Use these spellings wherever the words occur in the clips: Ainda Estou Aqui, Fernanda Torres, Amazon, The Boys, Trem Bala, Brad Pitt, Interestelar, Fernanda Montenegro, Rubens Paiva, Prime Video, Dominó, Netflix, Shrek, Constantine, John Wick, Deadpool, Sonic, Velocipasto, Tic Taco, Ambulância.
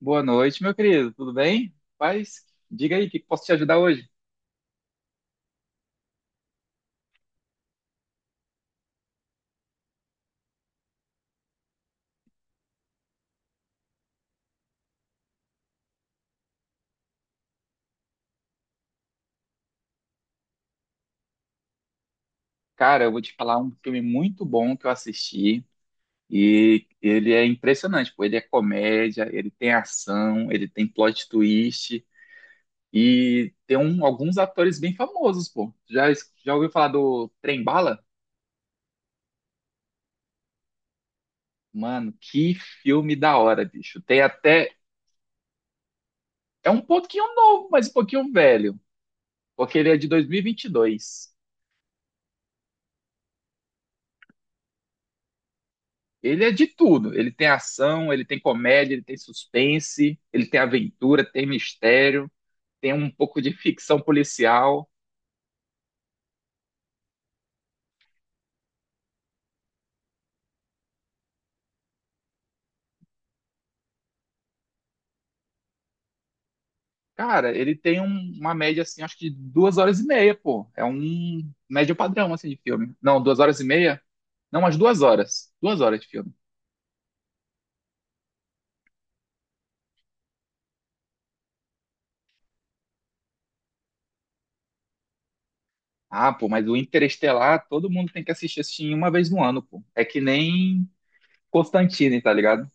Boa noite, meu querido. Tudo bem? Paz, diga aí, o que que posso te ajudar hoje? Cara, eu vou te falar um filme muito bom que eu assisti e ele é impressionante, pô. Ele é comédia, ele tem ação, ele tem plot twist e tem alguns atores bem famosos, pô. Já ouviu falar do Trem Bala? Mano, que filme da hora, bicho. Tem até... É um pouquinho novo, mas um pouquinho velho, porque ele é de 2022. Ele é de tudo. Ele tem ação, ele tem comédia, ele tem suspense, ele tem aventura, tem mistério, tem um pouco de ficção policial. Cara, ele tem uma média assim, acho que de duas horas e meia, pô. É um médio padrão assim de filme. Não, duas horas e meia? Não, umas duas horas. Duas horas de filme. Ah, pô, mas o Interestelar, todo mundo tem que assistir assim uma vez no ano, pô. É que nem Constantine, tá ligado?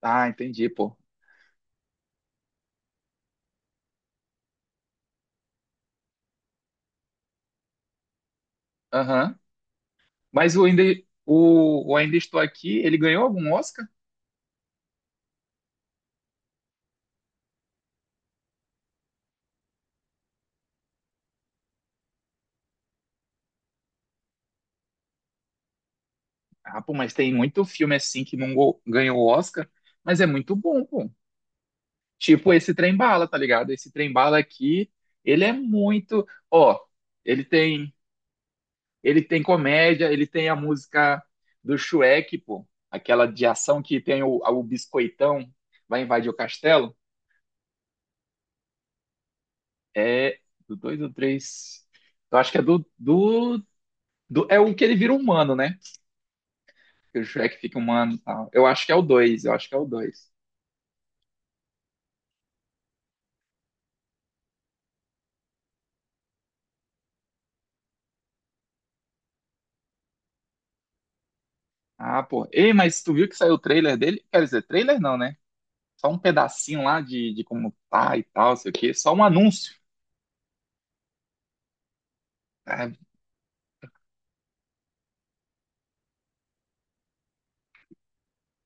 Ah, entendi, pô. Aham. Mas o ainda, o Ainda Estou Aqui, ele ganhou algum Oscar? Ah, pô, mas tem muito filme assim que não go- ganhou o Oscar, mas é muito bom, pô. Tipo esse Trem Bala, tá ligado? Esse Trem Bala aqui, ele é muito, ó, ele tem, ele tem comédia, ele tem a música do Shrek, pô, aquela de ação que tem o biscoitão vai invadir o castelo, é do dois, ou três. Eu acho que é do é o que ele vira humano, né? Que o Shrek fica humano, e tal. Eu acho que é o 2. Ah, pô. Ei, mas tu viu que saiu o trailer dele? Quer dizer, trailer não, né? Só um pedacinho lá de como tá e tal, sei o quê. Só um anúncio. Ah,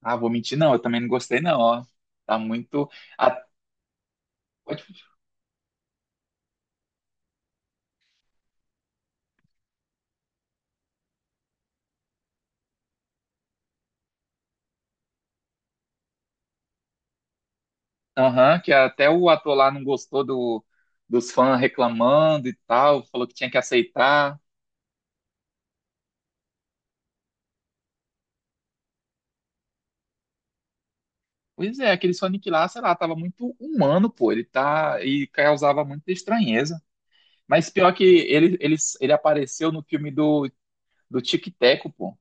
ah, vou mentir, não. Eu também não gostei, não, ó. Tá muito. a- pode- Aham, que até o ator lá não gostou do, dos fãs reclamando e tal. Falou que tinha que aceitar. Pois é, aquele Sonic lá, sei lá, tava muito humano, pô. Ele tá. E causava muita estranheza. Mas pior que ele, ele apareceu no filme do, do Tic Teco, pô.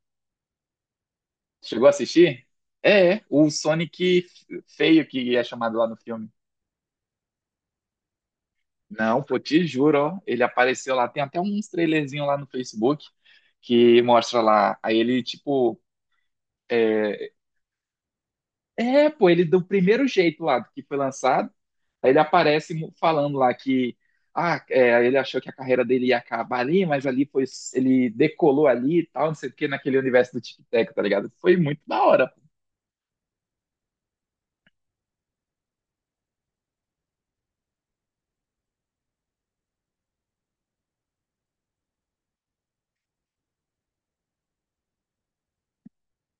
Chegou a assistir? O Sonic feio que é chamado lá no filme. Não, pô, te juro, ó, ele apareceu lá. Tem até uns trailerzinho lá no Facebook que mostra lá. Aí ele, tipo, é, pô, ele do primeiro jeito lá que foi lançado, aí ele falando lá que, ah, é, ele achou que a carreira dele ia acabar ali, mas ali foi, ele decolou ali e tal, não sei o que, naquele universo do Tic Tac, tá ligado? Foi muito da hora.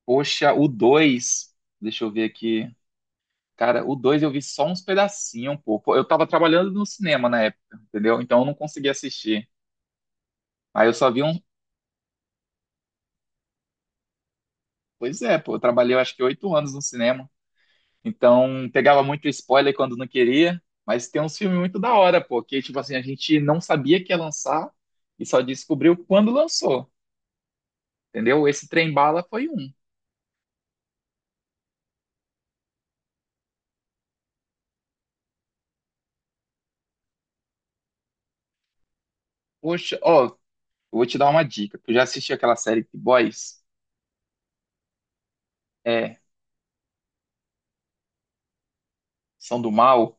Poxa, o 2. Deixa eu ver aqui. Cara, o 2 eu vi só uns pedacinhos, um pouco. Eu tava trabalhando no cinema na época, entendeu? Então eu não consegui assistir. Aí eu só vi um. Pois é, pô, eu trabalhei eu acho que oito anos no cinema. Então pegava muito spoiler quando não queria. Mas tem uns filmes muito da hora, pô, que tipo assim, a gente não sabia que ia lançar e só descobriu quando lançou, entendeu? Esse Trem Bala foi um. Poxa, ó, eu vou te dar uma dica. Tu já assistiu aquela série The Boys? É, são do mal?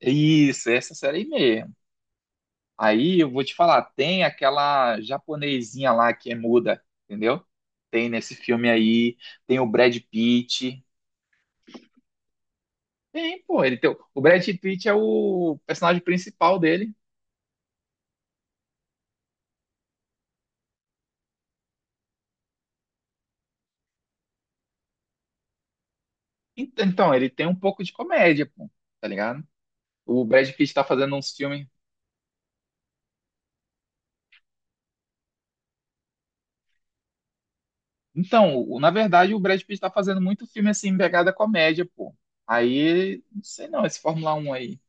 Isso, essa série aí. Aí eu vou te falar, tem aquela japonesinha lá que é muda, entendeu? Tem nesse filme aí, tem o Brad Pitt. Tem, pô, ele tem, o Brad Pitt é o personagem principal dele. Então, ele tem um pouco de comédia, pô, tá ligado? O Brad Pitt tá fazendo uns filmes. Então, na verdade, o Brad Pitt tá fazendo muito filme assim, em pegada comédia, pô. Aí, não sei não, esse Fórmula Um aí.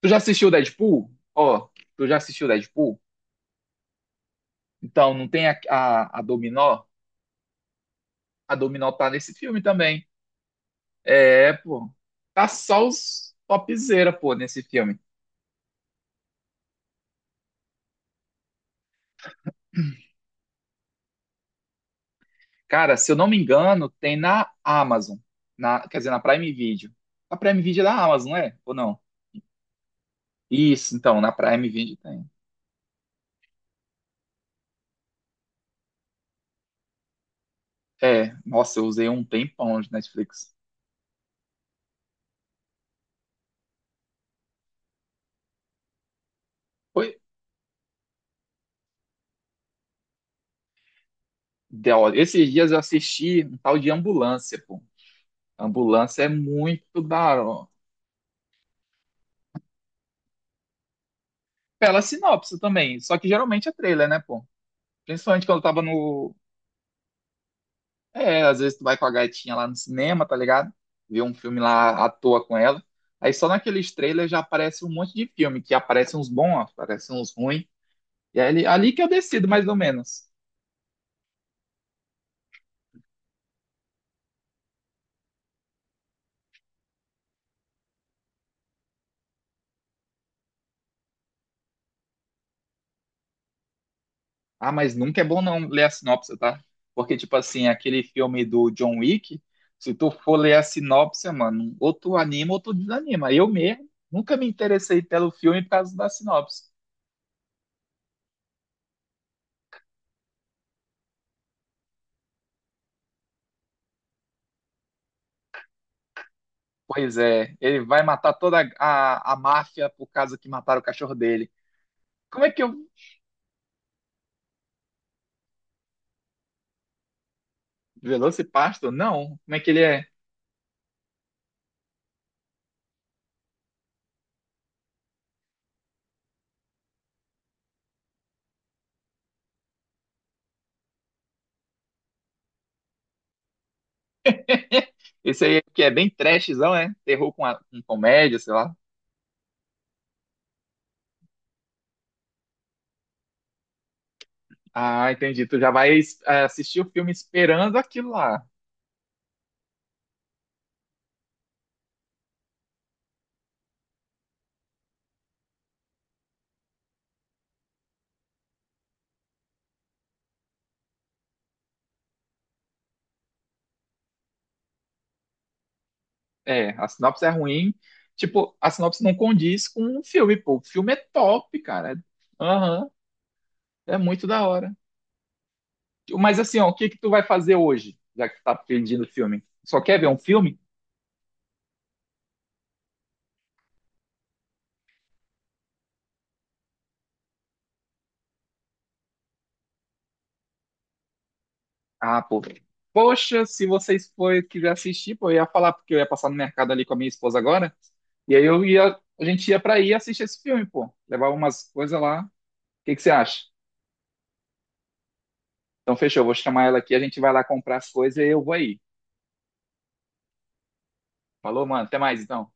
Tu já assistiu Deadpool? Ó, tu já assistiu Deadpool? Então, não tem a Dominó? A Dominó tá nesse filme também. É, pô. Tá só os topzera, pô, nesse filme. Cara, se eu não me engano, tem na Amazon. Na, quer dizer, na Prime Video. A Prime Video é da Amazon, não é? Ou não? Isso, então, na Prime Video tem. É, nossa, eu usei um tempão de Netflix. Foi, ó, esses dias eu assisti um tal de Ambulância, pô. Ambulância é muito da hora. Pela sinopse também, só que geralmente é trailer, né, pô? Principalmente quando eu tava no. É, às vezes tu vai com a gatinha lá no cinema, tá ligado? Vê um filme lá à toa com ela. Aí só naqueles trailers já aparece um monte de filme, que aparecem uns bons, aparecem uns ruins. E aí, ali que eu decido, mais ou menos. Ah, mas nunca é bom não ler a sinopse, tá? Porque, tipo assim, aquele filme do John Wick, se tu for ler a sinopse, mano, ou tu anima ou tu desanima. Eu mesmo nunca me interessei pelo filme por causa da sinopse. Pois é, ele vai matar toda a máfia por causa que mataram o cachorro dele. Como é que eu. Velocipasto? Não. Como é que ele é? Esse aí que é bem trashzão, é? Terror com, com comédia, sei lá. Ah, entendi. Tu já vai é, assistir o filme esperando aquilo lá. É, a sinopse é ruim. Tipo, a sinopse não condiz com o filme, pô. O filme é top, cara. Aham, é muito da hora. Mas assim, ó, o que que tu vai fazer hoje, já que tu tá pedindo filme? Só quer ver um filme? Ah, pô. Poxa, se vocês forem quiser assistir, pô, eu ia falar, porque eu ia passar no mercado ali com a minha esposa agora. E aí eu ia, a gente ia pra aí assistir esse filme, pô. Levar umas coisas lá. O que que você acha? Então fechou, eu vou chamar ela aqui, a gente vai lá comprar as coisas e eu vou aí. Falou, mano. Até mais, então.